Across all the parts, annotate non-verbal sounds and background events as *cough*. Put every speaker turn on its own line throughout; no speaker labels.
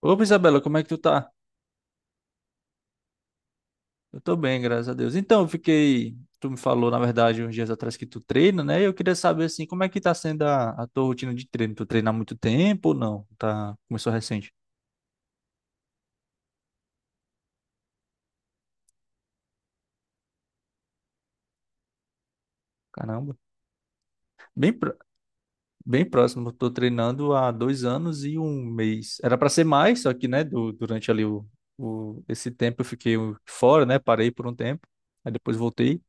Opa, Isabela, como é que tu tá? Eu tô bem, graças a Deus. Então, eu fiquei. Tu me falou, na verdade, uns dias atrás que tu treina, né? E eu queria saber, assim, como é que tá sendo a tua rotina de treino? Tu treina há muito tempo ou não? Tá... Começou recente? Caramba. Bem, pró- bem próximo, eu tô treinando há 2 anos e 1 mês. Era pra ser mais, só que, né, durante ali esse tempo eu fiquei fora, né? Parei por um tempo, aí depois voltei.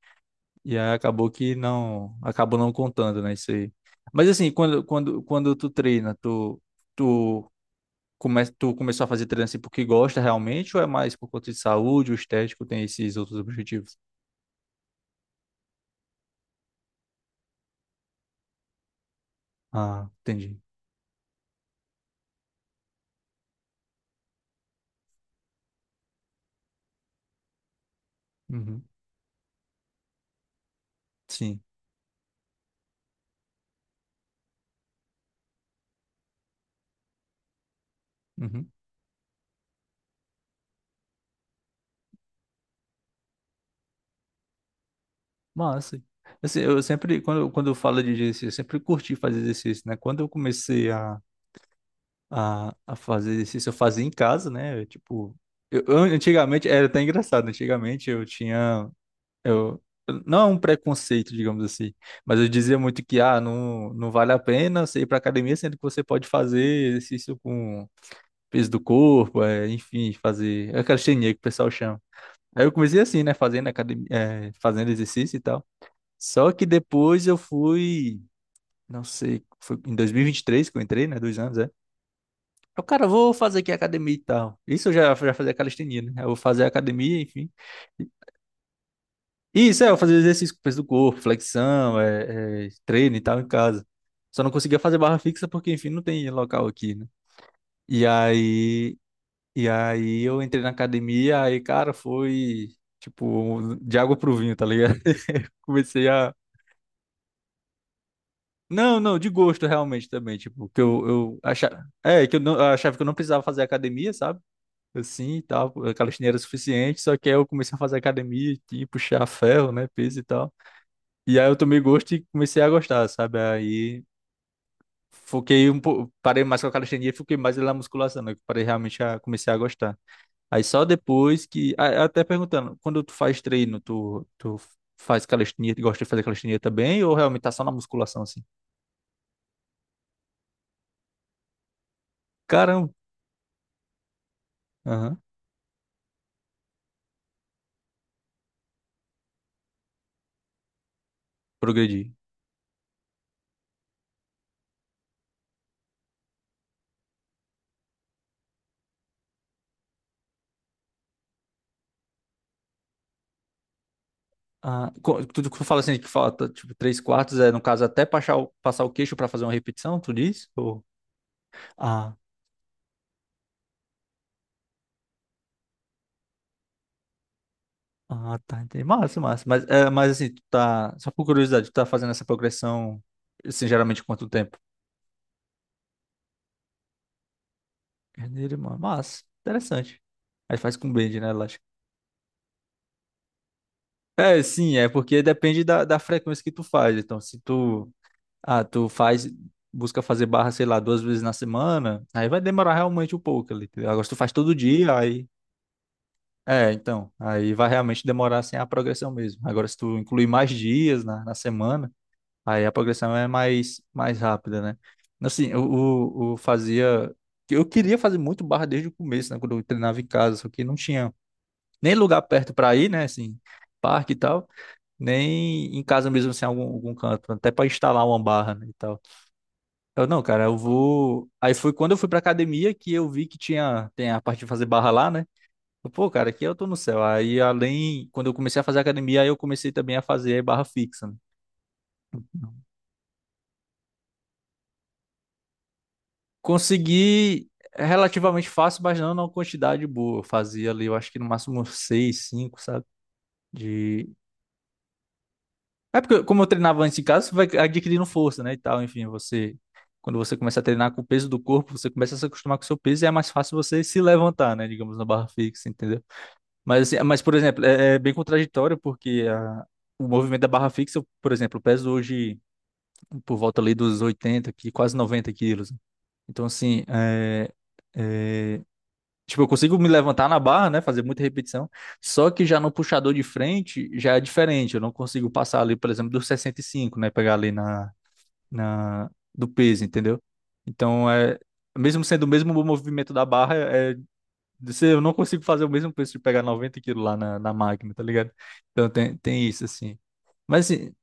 E aí acabou não contando, né, isso aí. Mas assim, quando tu treina, tu tu começou a fazer treino assim porque gosta realmente ou é mais por conta de saúde, o estético tem esses outros objetivos? Ah, entendi. Uhum. Sim. Uhum. Massa. Assim, eu sempre quando eu falo de exercício, eu sempre curti fazer exercício, né? Quando eu comecei a fazer exercício, eu fazia em casa, né? Eu, Tipo, eu- Antigamente era até engraçado, antigamente eu tinha Eu, não é um preconceito, digamos assim, mas eu dizia muito que não, não vale a pena você ir para academia, sendo que você pode fazer exercício com peso do corpo, enfim, fazer é aquela calistenia que o pessoal chama. Aí eu comecei assim, né, fazendo academia, fazendo exercício e tal. Só que depois não sei, foi em dois mil e vinte e três que eu entrei, né, dois anos. Cara, vou fazer aqui academia e tal. Isso eu já fazia calistenia, né? Eu vou fazer academia, enfim. Isso, eu fazia exercício com peso do corpo, flexão, treino e tal em casa. Só não conseguia fazer barra fixa porque, enfim, não tem local aqui, né? E aí, e aí eu entrei na academia, aí, cara, foi, tipo, de água pro vinho, tá ligado? *laughs* Comecei a... Não, não, de gosto realmente também, tipo, que eu achava... não, eu achava que eu não precisava fazer academia, sabe? Assim, e tal, a calistenia era suficiente, só que aí eu comecei a fazer academia, tipo, puxar ferro, né, peso e tal. E aí eu tomei gosto e comecei a gostar, sabe? Aí foquei um pouco, parei mais com a calistenia e foquei mais na musculação, né? Que parei realmente a comecei a gostar. Aí só depois que, até perguntando, quando tu faz treino, tu faz calistenia, tu gosta de fazer calistenia também ou realmente tá só na musculação assim? Caramba, aham, progredi. Ah, tu fala assim que falta tipo três quartos, é no caso até passar o queixo para fazer uma repetição, tu diz? Ou... Ah, tá, entendi. Massa, massa. Mas assim, tu tá. Só por curiosidade, tu tá fazendo essa progressão, assim, geralmente quanto tempo? Carneiro, mano. Massa. Interessante. Aí faz com blend, né, lógico. É, sim, é porque depende da frequência que tu faz. Então, se tu. Ah, tu faz. Busca fazer barra, sei lá, 2 vezes na semana, aí vai demorar realmente um pouco ali. Entendeu? Agora, se tu faz todo dia, aí. É, então. Aí vai realmente demorar, assim, a progressão mesmo. Agora, se tu incluir mais dias na semana. Aí a progressão é mais rápida, né? Assim, eu fazia. Eu queria fazer muito barra desde o começo, né? Quando eu treinava em casa, só que não tinha nem lugar perto para ir, né? Assim, parque e tal, nem em casa mesmo, assim, algum canto, até para instalar uma barra, né, e tal. Não, cara, eu vou. Aí foi quando eu fui pra academia que eu vi que tem a parte de fazer barra lá, né? Pô, cara, aqui eu tô no céu. Aí, quando eu comecei a fazer academia, aí eu comecei também a fazer barra fixa, né? Consegui relativamente fácil, mas não numa quantidade boa. Eu fazia ali, eu acho que no máximo uns seis, cinco, sabe? De... É porque como eu treinava antes em casa, você vai adquirindo força, né, e tal. Enfim, você... Quando você começa a treinar com o peso do corpo, você começa a se acostumar com o seu peso e é mais fácil você se levantar, né, digamos, na barra fixa, entendeu? Mas por exemplo, é bem contraditório porque o movimento da barra fixa, eu, por exemplo, eu peso hoje por volta ali dos 80 aqui, quase 90 quilos. Então, assim, é, tipo, eu consigo me levantar na barra, né? Fazer muita repetição. Só que já no puxador de frente já é diferente. Eu não consigo passar ali, por exemplo, dos 65, né? Pegar ali na do peso, entendeu? Então é. Mesmo sendo o mesmo movimento da barra, eu não consigo fazer o mesmo peso de pegar 90 quilos lá na máquina, tá ligado? Então tem isso, assim. Mas assim,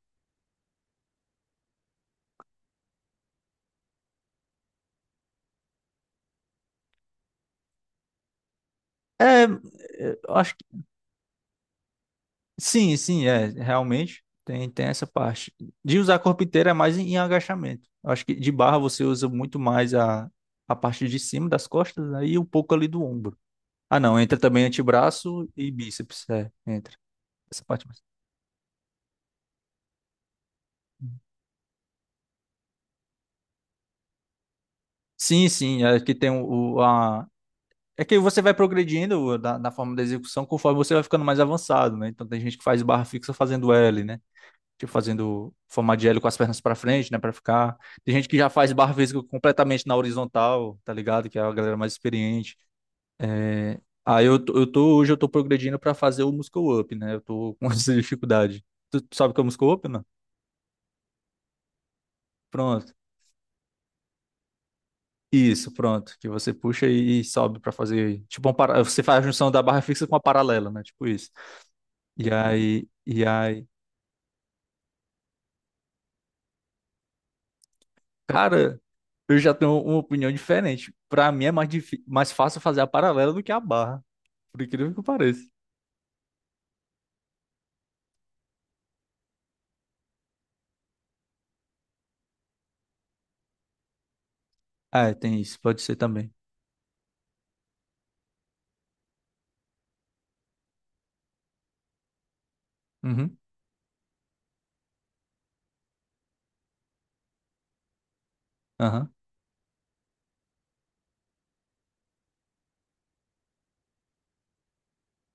é, eu acho. Sim, sim, realmente tem essa parte. De usar corpo inteiro é mais em agachamento. Eu acho que de barra você usa muito mais a parte de cima das costas, aí e um pouco ali do ombro. Ah, não, entra também antebraço e bíceps, entra. Essa parte mais. Sim, sim, é que tem o- a é que você vai progredindo na, na forma da execução conforme você vai ficando mais avançado, né? Então tem gente que faz barra fixa fazendo L, né? Tipo, fazendo forma de L com as pernas para frente, né, para ficar. Tem gente que já faz barra física completamente na horizontal, tá ligado? Que é a galera mais experiente. Né? Aí eu tô, hoje eu tô progredindo para fazer o muscle up, né? Eu tô com *laughs* essa dificuldade. Tu sabe o que é o muscle up, não? Pronto. Isso, pronto. Que você puxa e sobe para fazer, tipo, um para... você faz a junção da barra fixa com a paralela, né? Tipo isso. E aí, cara, eu já tenho uma opinião diferente. Para mim é mais fácil fazer a paralela do que a barra. Por incrível que pareça. Ah, é, tem isso, pode ser também. Uhum. Aham.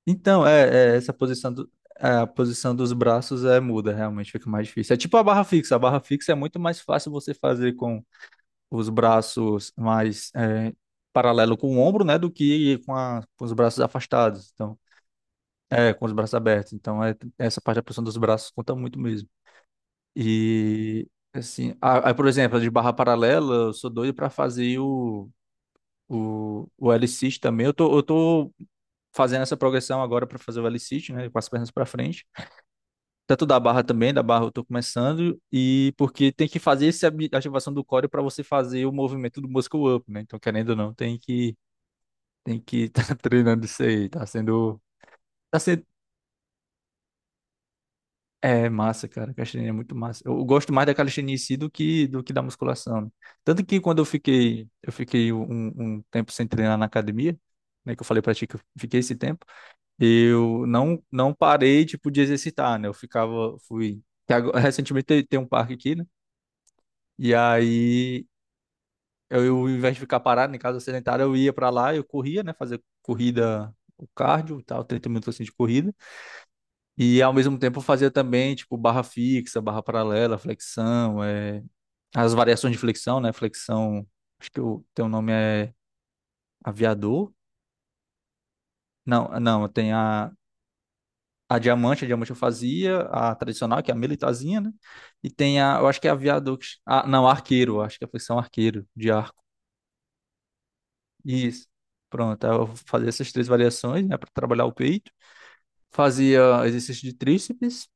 Então, essa posição a posição dos braços é muda, realmente fica mais difícil. É tipo a barra fixa. A barra fixa é muito mais fácil você fazer com os braços mais paralelo com o ombro, né, do que com os braços afastados. Então, com os braços abertos. Então, essa parte da posição dos braços conta muito mesmo. E assim, por exemplo, a de barra paralela, eu sou doido para fazer o O, o L-Sit também. Eu tô fazendo essa progressão agora para fazer o L-Sit, né? Com as pernas para frente. Tanto da barra também, da barra eu tô começando. E porque tem que fazer essa ativação do core para você fazer o movimento do muscle up, né? Então, querendo ou não, tem que *laughs* estar treinando isso aí. Tá sendo é massa, cara. Calistenia é muito massa. Eu gosto mais da calistenia em si do que da musculação, né? Tanto que quando eu fiquei um tempo sem treinar na academia, né? Que eu falei pra ti que eu fiquei esse tempo. Eu não parei tipo de exercitar, né? Eu ficava fui que agora- *laughs* Recentemente tem um parque aqui, né? E aí ao invés de ficar parado em casa sedentária, eu ia pra lá, eu corria, né, fazer corrida o cardio e tal, 30 minutos assim de corrida. E ao mesmo tempo eu fazia também, tipo, barra fixa, barra paralela, flexão, as variações de flexão, né? Flexão, acho que o teu nome é aviador. Não, não, tem a diamante, a diamante eu fazia, a tradicional, que é a militarzinha, né? E tem eu acho que é a viadux, ah, não, arqueiro, eu acho que é a posição arqueiro, de arco. Isso. Pronto, aí eu fazia essas três variações, né, para trabalhar o peito. Fazia exercício de tríceps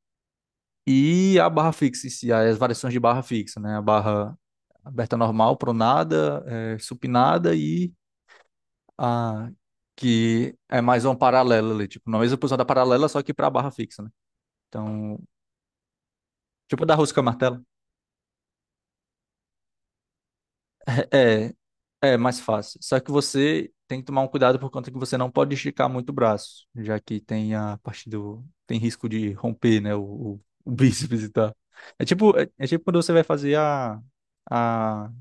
e a barra fixa, em si, as variações de barra fixa, né? A barra aberta normal, pronada, supinada e a que é mais uma paralela ali, tipo, na mesma posição da paralela, só que para a barra fixa, né? Então, tipo da rosca martelo. É, é mais fácil. Só que você tem que tomar um cuidado por conta que você não pode esticar muito o braço, já que tem a parte do. Tem risco de romper, né? O *laughs* bíceps e tal. É tipo quando você vai fazer a,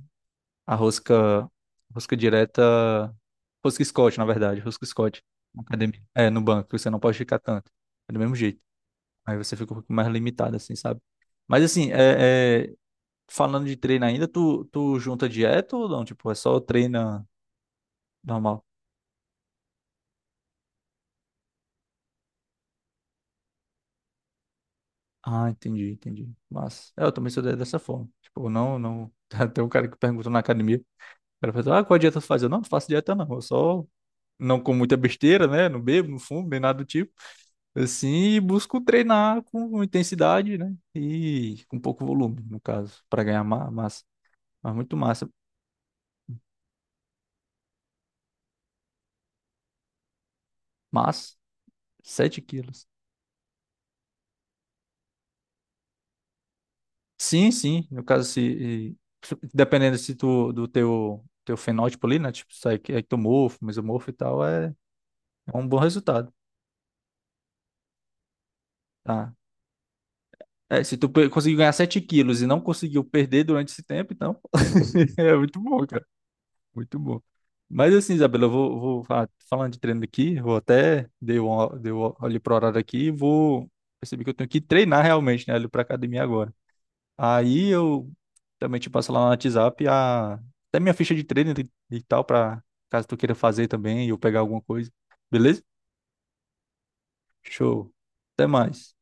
a rosca direta, rosca Scott, na verdade, rosca Scott, na academia. É, no banco, você não pode esticar tanto. É do mesmo jeito. Aí você fica um pouco mais limitado, assim, sabe? Mas assim, falando de treino ainda, tu junta dieta ou não? Tipo, é só treina. Normal. Ah, entendi, entendi. Mas, eu também sou dessa forma. Tipo, não, não. *laughs* Tem um cara que perguntou na academia. O cara falou, qual dieta tu faz? Eu não faço dieta, não. Eu só não como muita besteira, né? Não bebo, não fumo, nem nada do tipo. Assim, e busco treinar com intensidade, né? E com pouco volume, no caso, para ganhar massa. Mas muito massa. Mas, 7 quilos. Sim, sim. No caso, Dependendo se tu, do teu, teu fenótipo ali, né? Tipo, sai que é ectomorfo, mesomorfo e tal. É um bom resultado, tá? É, se tu conseguiu ganhar 7 quilos e não conseguiu perder durante esse tempo, então *laughs* é muito bom, cara. Muito bom. Mas assim, Isabela, eu vou falando de treino aqui, vou até dei um olho pro horário aqui e vou perceber que eu tenho que treinar realmente, né, ali pra academia agora. Aí eu também te passo lá no WhatsApp até minha ficha de treino e tal, pra caso tu queira fazer também e eu pegar alguma coisa. Beleza? Show. Até mais.